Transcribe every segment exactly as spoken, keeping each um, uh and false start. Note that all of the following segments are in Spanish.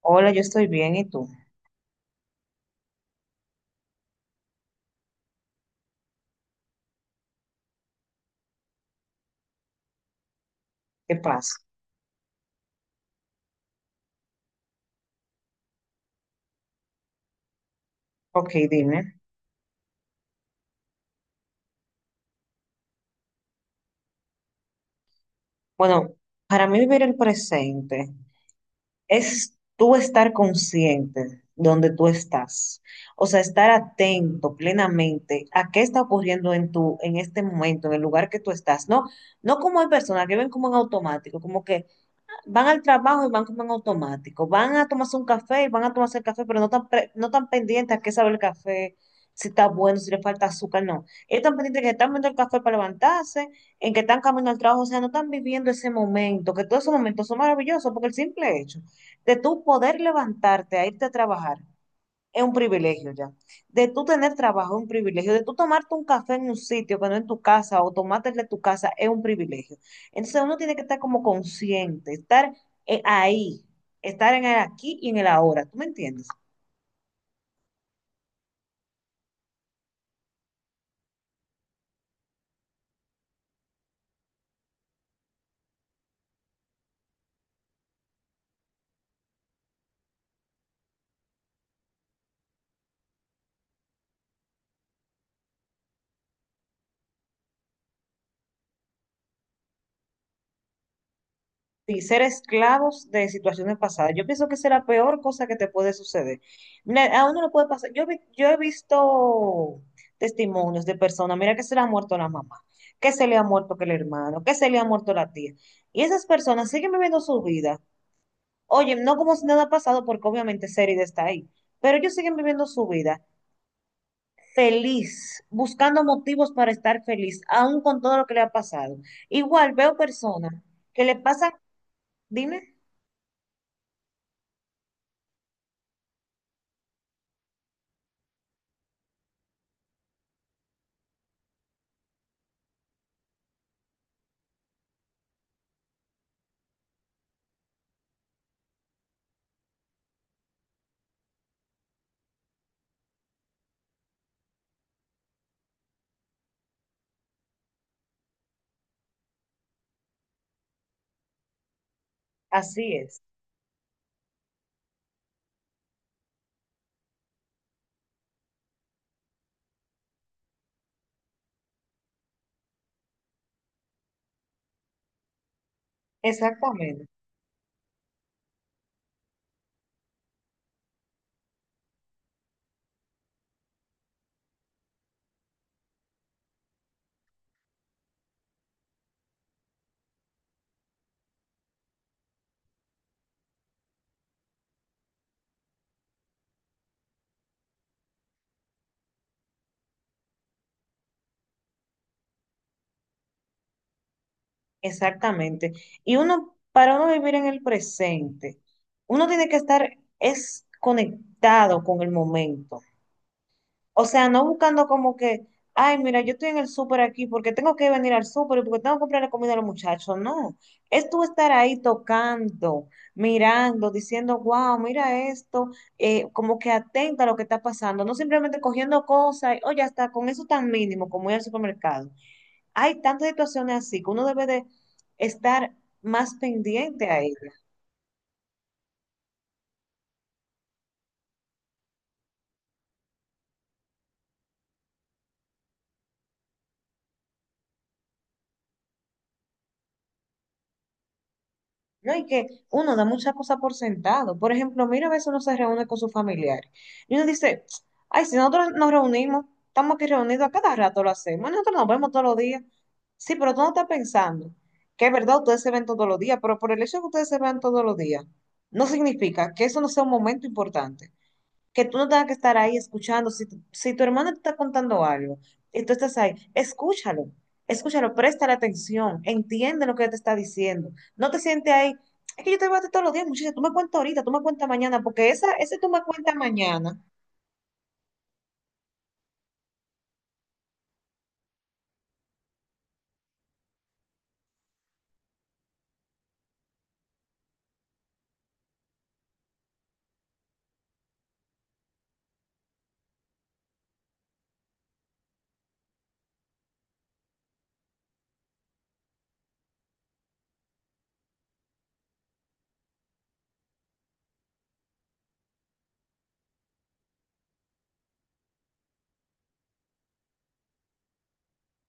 Hola, yo estoy bien, ¿y tú? ¿Qué pasa? Ok, dime. Bueno, para mí vivir el presente es tú estar consciente donde tú estás. O sea, estar atento plenamente a qué está ocurriendo en tu, en este momento, en el lugar que tú estás. No, no como hay personas que ven como en automático, como que van al trabajo y van como en automático. Van a tomarse un café y van a tomarse el café, pero no tan, pre- no tan pendientes a qué sabe el café, si está bueno, si le falta azúcar, no. Ellos están pendientes que están viendo el café para levantarse, en que están caminando al trabajo, o sea, no están viviendo ese momento, que todos esos momentos son maravillosos, porque el simple hecho de tú poder levantarte a irte a trabajar es un privilegio ya. De tú tener trabajo es un privilegio. De tú tomarte un café en un sitio que no en tu casa o tomarte el de tu casa es un privilegio. Entonces uno tiene que estar como consciente, estar eh, ahí, estar en el aquí y en el ahora. ¿Tú me entiendes? Y ser esclavos de situaciones pasadas. Yo pienso que esa es la peor cosa que te puede suceder. Mira, a uno le puede pasar. Yo, vi- yo he visto testimonios de personas, mira que se le ha muerto la mamá, que se le ha muerto que el hermano, que se le ha muerto la tía. Y esas personas siguen viviendo su vida. Oye, no como si nada ha pasado, porque obviamente Serida está ahí, pero ellos siguen viviendo su vida feliz, buscando motivos para estar feliz, aún con todo lo que le ha pasado. Igual veo personas que le pasan, dime, así es. Exactamente, exactamente. Y uno, para uno vivir en el presente, uno tiene que estar es conectado con el momento. O sea, no buscando como que, ay, mira, yo estoy en el súper aquí porque tengo que venir al súper y porque tengo que comprar la comida a los muchachos. No, es tú estar ahí tocando, mirando, diciendo, wow, mira esto, eh, como que atenta a lo que está pasando, no simplemente cogiendo cosas, y, oh, ya está, con eso tan mínimo como ir al supermercado. Hay tantas situaciones así que uno debe de estar más pendiente a ellas, ¿no? Y que uno da muchas cosas por sentado. Por ejemplo, mira, a veces uno se reúne con sus familiares y uno dice, ay, si nosotros nos reunimos, estamos aquí reunidos, a cada rato lo hacemos, nosotros nos vemos todos los días. Sí, pero tú no estás pensando que es verdad, ustedes se ven todos los días, pero por el hecho de que ustedes se vean todos los días, no significa que eso no sea un momento importante. Que tú no tengas que estar ahí escuchando. Si, tu- si tu hermano te está contando algo y tú estás ahí, escúchalo, escúchalo, préstale atención, entiende lo que te está diciendo. No te sientes ahí, es que yo te voy a decir todos los días, muchacha, tú me cuentas ahorita, tú me cuentas mañana, porque esa, ese tú me cuentas mañana,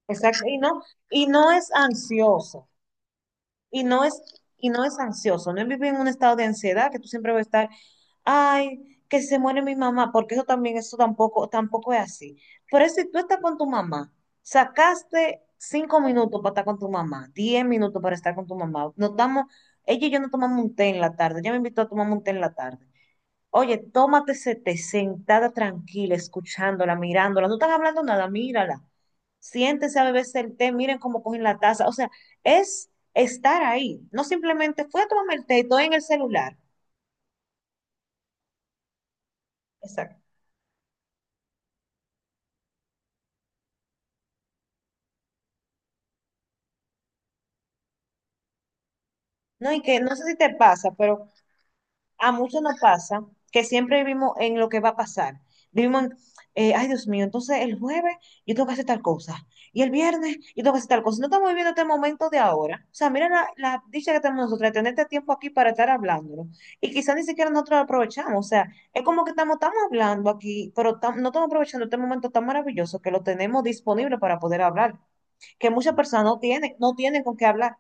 exacto, y no, y no es ansioso. Y no es, y no es ansioso, no es vivir en un estado de ansiedad que tú siempre vas a estar, ay, que se muere mi mamá, porque eso también, eso tampoco, tampoco es así. Pero si tú estás con tu mamá, sacaste cinco minutos para estar con tu mamá, diez minutos para estar con tu mamá, nos damos, ella y yo nos tomamos un té en la tarde, ella me invitó a tomar un té en la tarde. Oye, tómate ese té sentada tranquila, escuchándola, mirándola. No están hablando nada, mírala. Siéntese a beberse el té, miren cómo cogen la taza. O sea, es estar ahí. No simplemente fue a tomarme el té y estoy en el celular. Exacto. No, y que no sé si te pasa, pero a muchos nos pasa que siempre vivimos en lo que va a pasar. Vivimos en, eh, Ay Dios mío, entonces el jueves yo tengo que hacer tal cosa y el viernes yo tengo que hacer tal cosa. Si no estamos viviendo este momento de ahora. O sea, mira la, la dicha que tenemos nosotros de tener este tiempo aquí para estar hablándolo. Y quizás ni siquiera nosotros lo aprovechamos. O sea, es como que estamos, estamos hablando aquí, pero tam- no estamos aprovechando este momento tan maravilloso que lo tenemos disponible para poder hablar, que muchas personas no tienen, no tienen con qué hablar.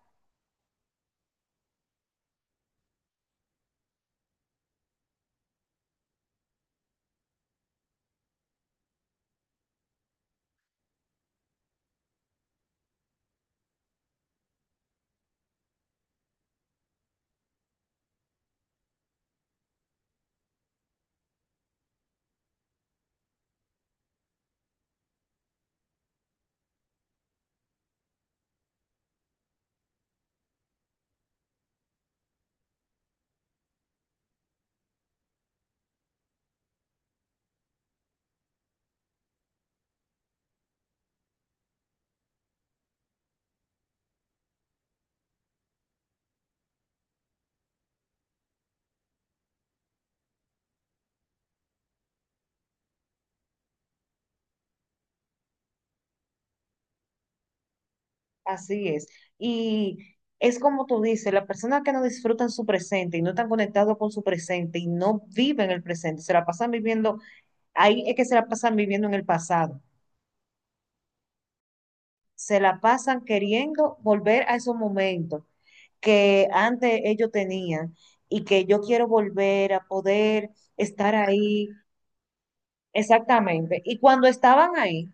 Así es. Y es como tú dices, las personas que no disfrutan su presente y no están conectados con su presente y no viven el presente, se la pasan viviendo, ahí es que se la pasan viviendo en el pasado. Se la pasan queriendo volver a esos momentos que antes ellos tenían y que yo quiero volver a poder estar ahí. Exactamente. Y cuando estaban ahí,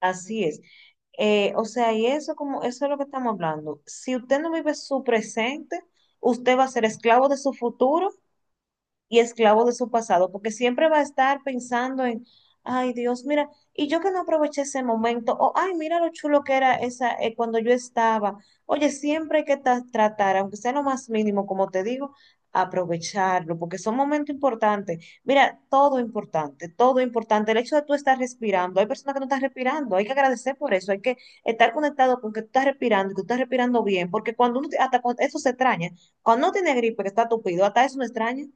así es. Eh, o sea, y eso como eso es lo que estamos hablando. Si usted no vive su presente, usted va a ser esclavo de su futuro y esclavo de su pasado, porque siempre va a estar pensando en, ay Dios, mira, y yo que no aproveché ese momento, o ay, mira lo chulo que era esa eh, cuando yo estaba. Oye, siempre hay que ta- tratar, aunque sea lo más mínimo, como te digo, aprovecharlo, porque son momentos importantes. Mira, todo importante, todo importante. El hecho de tú estar respirando, hay personas que no están respirando, hay que agradecer por eso, hay que estar conectado con que tú estás respirando, y que tú estás respirando bien, porque cuando uno, te- hasta cuando- eso se extraña, cuando uno tiene gripe, que está tupido, hasta eso no extraña.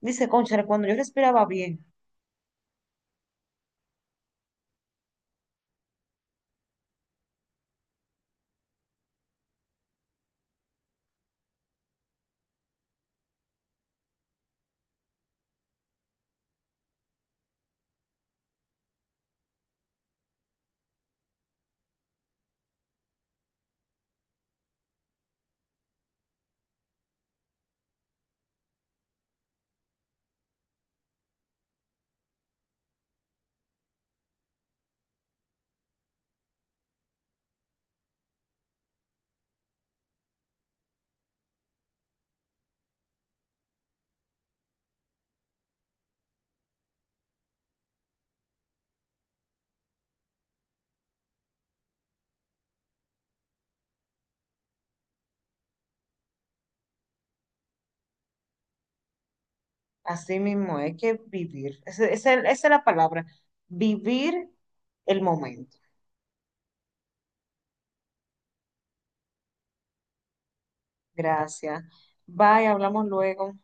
Dice, cónchale, cuando yo respiraba bien, así mismo hay que vivir. Ese- ese- esa es la palabra, vivir el momento. Gracias. Bye, hablamos luego.